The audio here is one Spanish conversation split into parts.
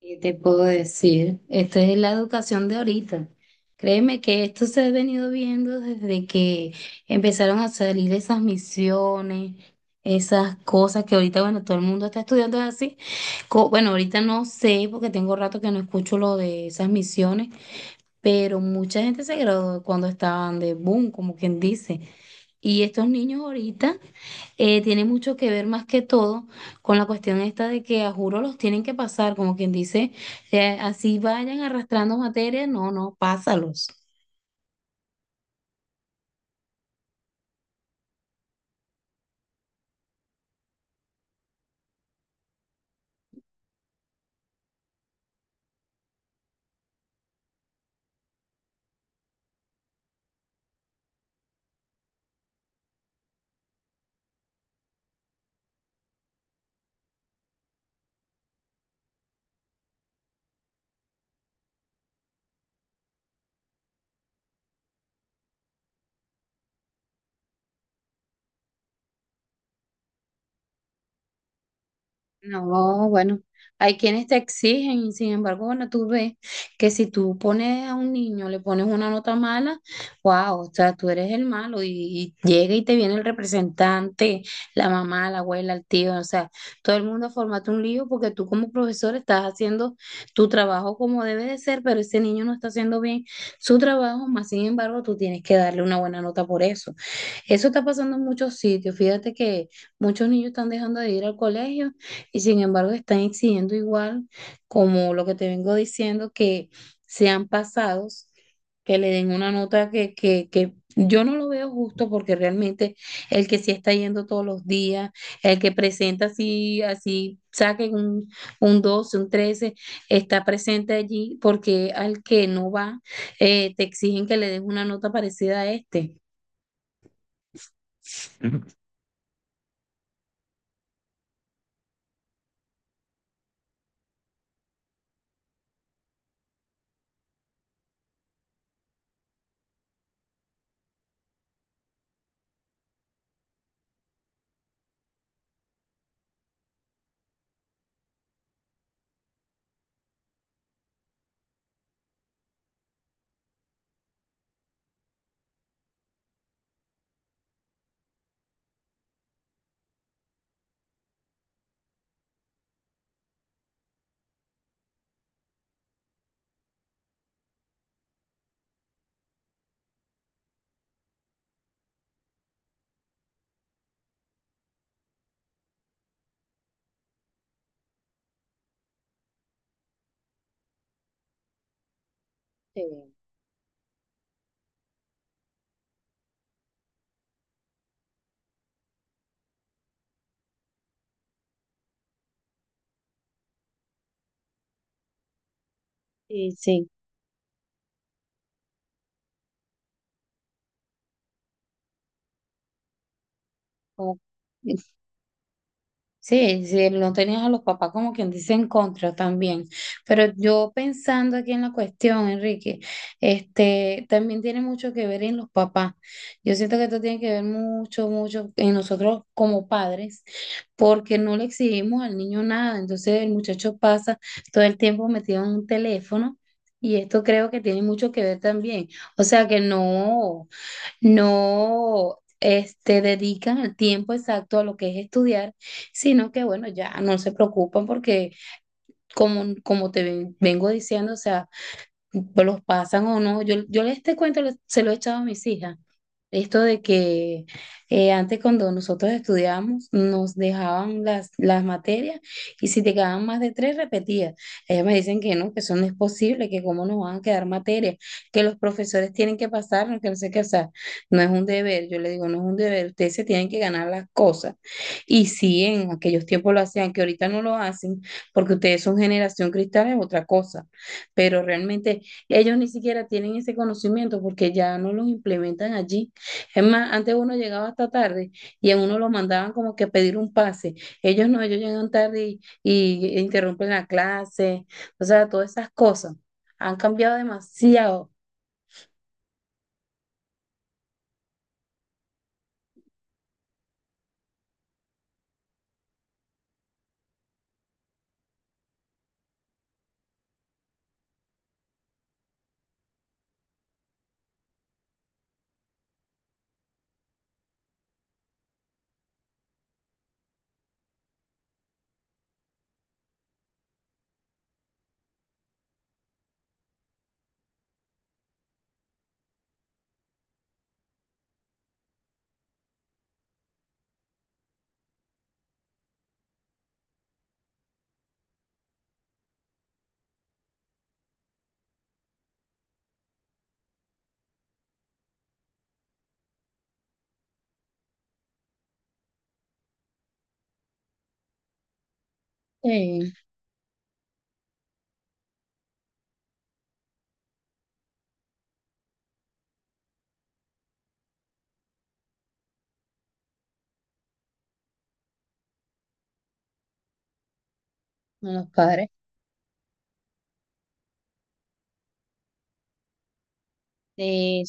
¿Qué te puedo decir? Esta es la educación de ahorita. Créeme que esto se ha venido viendo desde que empezaron a salir esas misiones, esas cosas que ahorita, bueno, todo el mundo está estudiando así. Bueno, ahorita no sé porque tengo rato que no escucho lo de esas misiones, pero mucha gente se graduó cuando estaban de boom, como quien dice. Y estos niños ahorita tienen mucho que ver más que todo con la cuestión esta de que a juro los tienen que pasar, como quien dice, así vayan arrastrando materia, no, no, pásalos. No, bueno, hay quienes te exigen y sin embargo, bueno, tú ves que si tú pones a un niño, le pones una nota mala, wow, o sea, tú eres el malo y llega y te viene el representante, la mamá, la abuela, el tío, o sea, todo el mundo formate un lío porque tú como profesor estás haciendo tu trabajo como debe de ser, pero ese niño no está haciendo bien su trabajo, más sin embargo, tú tienes que darle una buena nota por eso. Eso está pasando en muchos sitios, fíjate que muchos niños están dejando de ir al colegio y sin embargo, están exigiendo igual, como lo que te vengo diciendo, que sean pasados, que le den una nota que yo no lo veo justo porque realmente el que sí está yendo todos los días, el que presenta así, así, saquen un 12 un 13 está presente allí porque al que no va, te exigen que le des una nota parecida a este. Ujú. Sí, sí, sí, como- sí, sí, no tenías a los papás como quien dice en contra también. Pero yo pensando aquí en la cuestión, Enrique, este, también tiene mucho que ver en los papás. Yo siento que esto tiene que ver mucho, mucho en nosotros como padres, porque no le exigimos al niño nada. Entonces el muchacho pasa todo el tiempo metido en un teléfono y esto creo que tiene mucho que ver también. O sea que no este, dedican el tiempo exacto a lo que es estudiar, sino que bueno, ya no se preocupan porque como, vengo diciendo, o sea, pues los pasan o no. Yo este cuento se lo he echado a mis hijas. Esto de que antes cuando nosotros estudiábamos nos dejaban las materias y si te quedaban más de tres repetías. Ellas me dicen que no, que eso no es posible, que cómo nos van a quedar materias, que los profesores tienen que pasarnos, que no sé qué, o sea, no es un deber. Yo le digo, no es un deber, ustedes se tienen que ganar las cosas. Y si en aquellos tiempos lo hacían, que ahorita no lo hacen, porque ustedes son generación cristal, es otra cosa pero realmente ellos ni siquiera tienen ese conocimiento porque ya no los implementan allí. Es más, antes uno llegaba hasta tarde y a uno lo mandaban como que a pedir un pase. Ellos no, ellos llegan tarde y interrumpen la clase. O sea, todas esas cosas han cambiado demasiado eh, a los padres. Sí.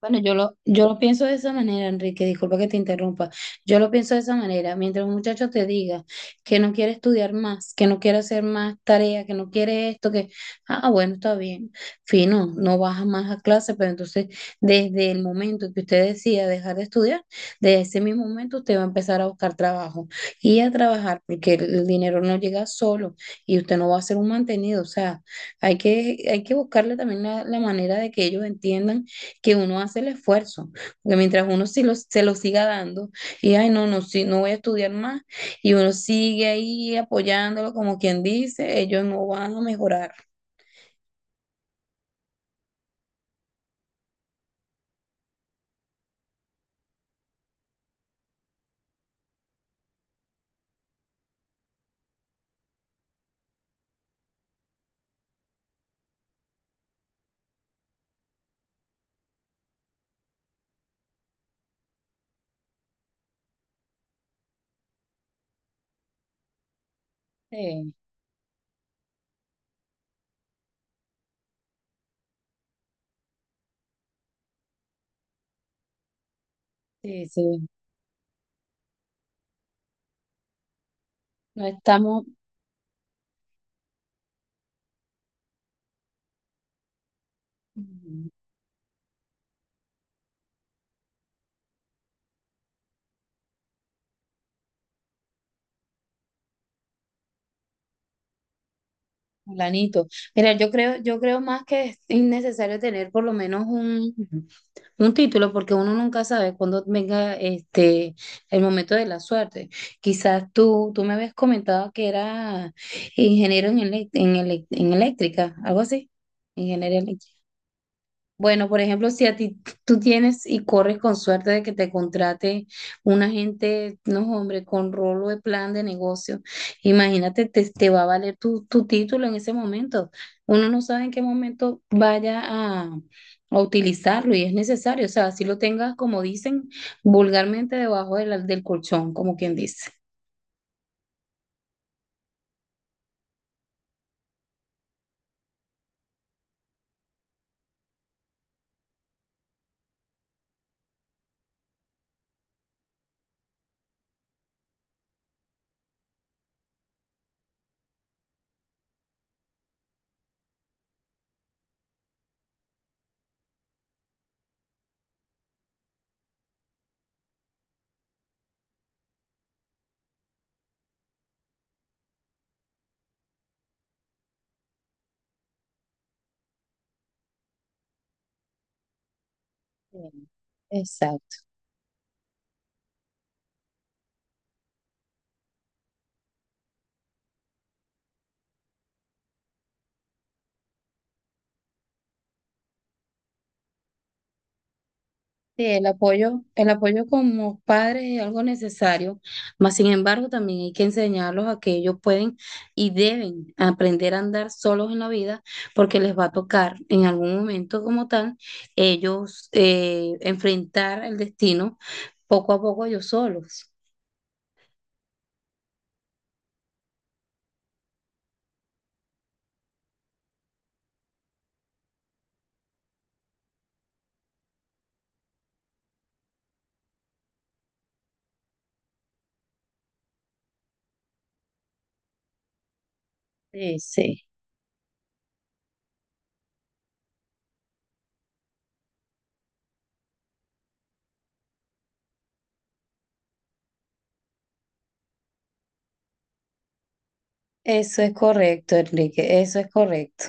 Bueno, yo lo pienso de esa manera, Enrique, disculpa que te interrumpa. Yo lo pienso de esa manera. Mientras un muchacho te diga que no quiere estudiar más, que no quiere hacer más tareas, que no quiere esto, que, ah, bueno, está bien, fino, no baja más a clase, pero entonces desde el momento que usted decida dejar de estudiar, desde ese mismo momento usted va a empezar a buscar trabajo y a trabajar, porque el dinero no llega solo y usted no va a ser un mantenido. O sea, hay que buscarle también la manera de que ellos entiendan que uno hace el esfuerzo, porque mientras uno sí lo, se lo siga dando y, ay, no, no, sí, no voy a estudiar más, y uno sigue ahí apoyándolo como quien dice, ellos no van a mejorar. Sí, sí, sí. No estamos. Ujú, fulanito. Mira, yo creo más que es innecesario tener por lo menos un título, porque uno nunca sabe cuándo venga este, el momento de la suerte. Quizás tú me habías comentado que era ingeniero en eléctrica, algo así, ingeniería eléctrica. Bueno, por ejemplo, si a ti tú tienes y corres con suerte de que te contrate un agente, no, hombre, con rolo de plan de negocio, imagínate, te va a valer tu, tu título en ese momento. Uno no sabe en qué momento vaya a utilizarlo y es necesario. O sea, si lo tengas, como dicen, vulgarmente debajo de del colchón, como quien dice. Sí. Exacto. Sí, el apoyo como padres es algo necesario, mas sin embargo también hay que enseñarlos a que ellos pueden y deben aprender a andar solos en la vida porque les va a tocar en algún momento como tal ellos enfrentar el destino poco a poco ellos solos. Sí, sí, eso es correcto, Enrique, eso es correcto.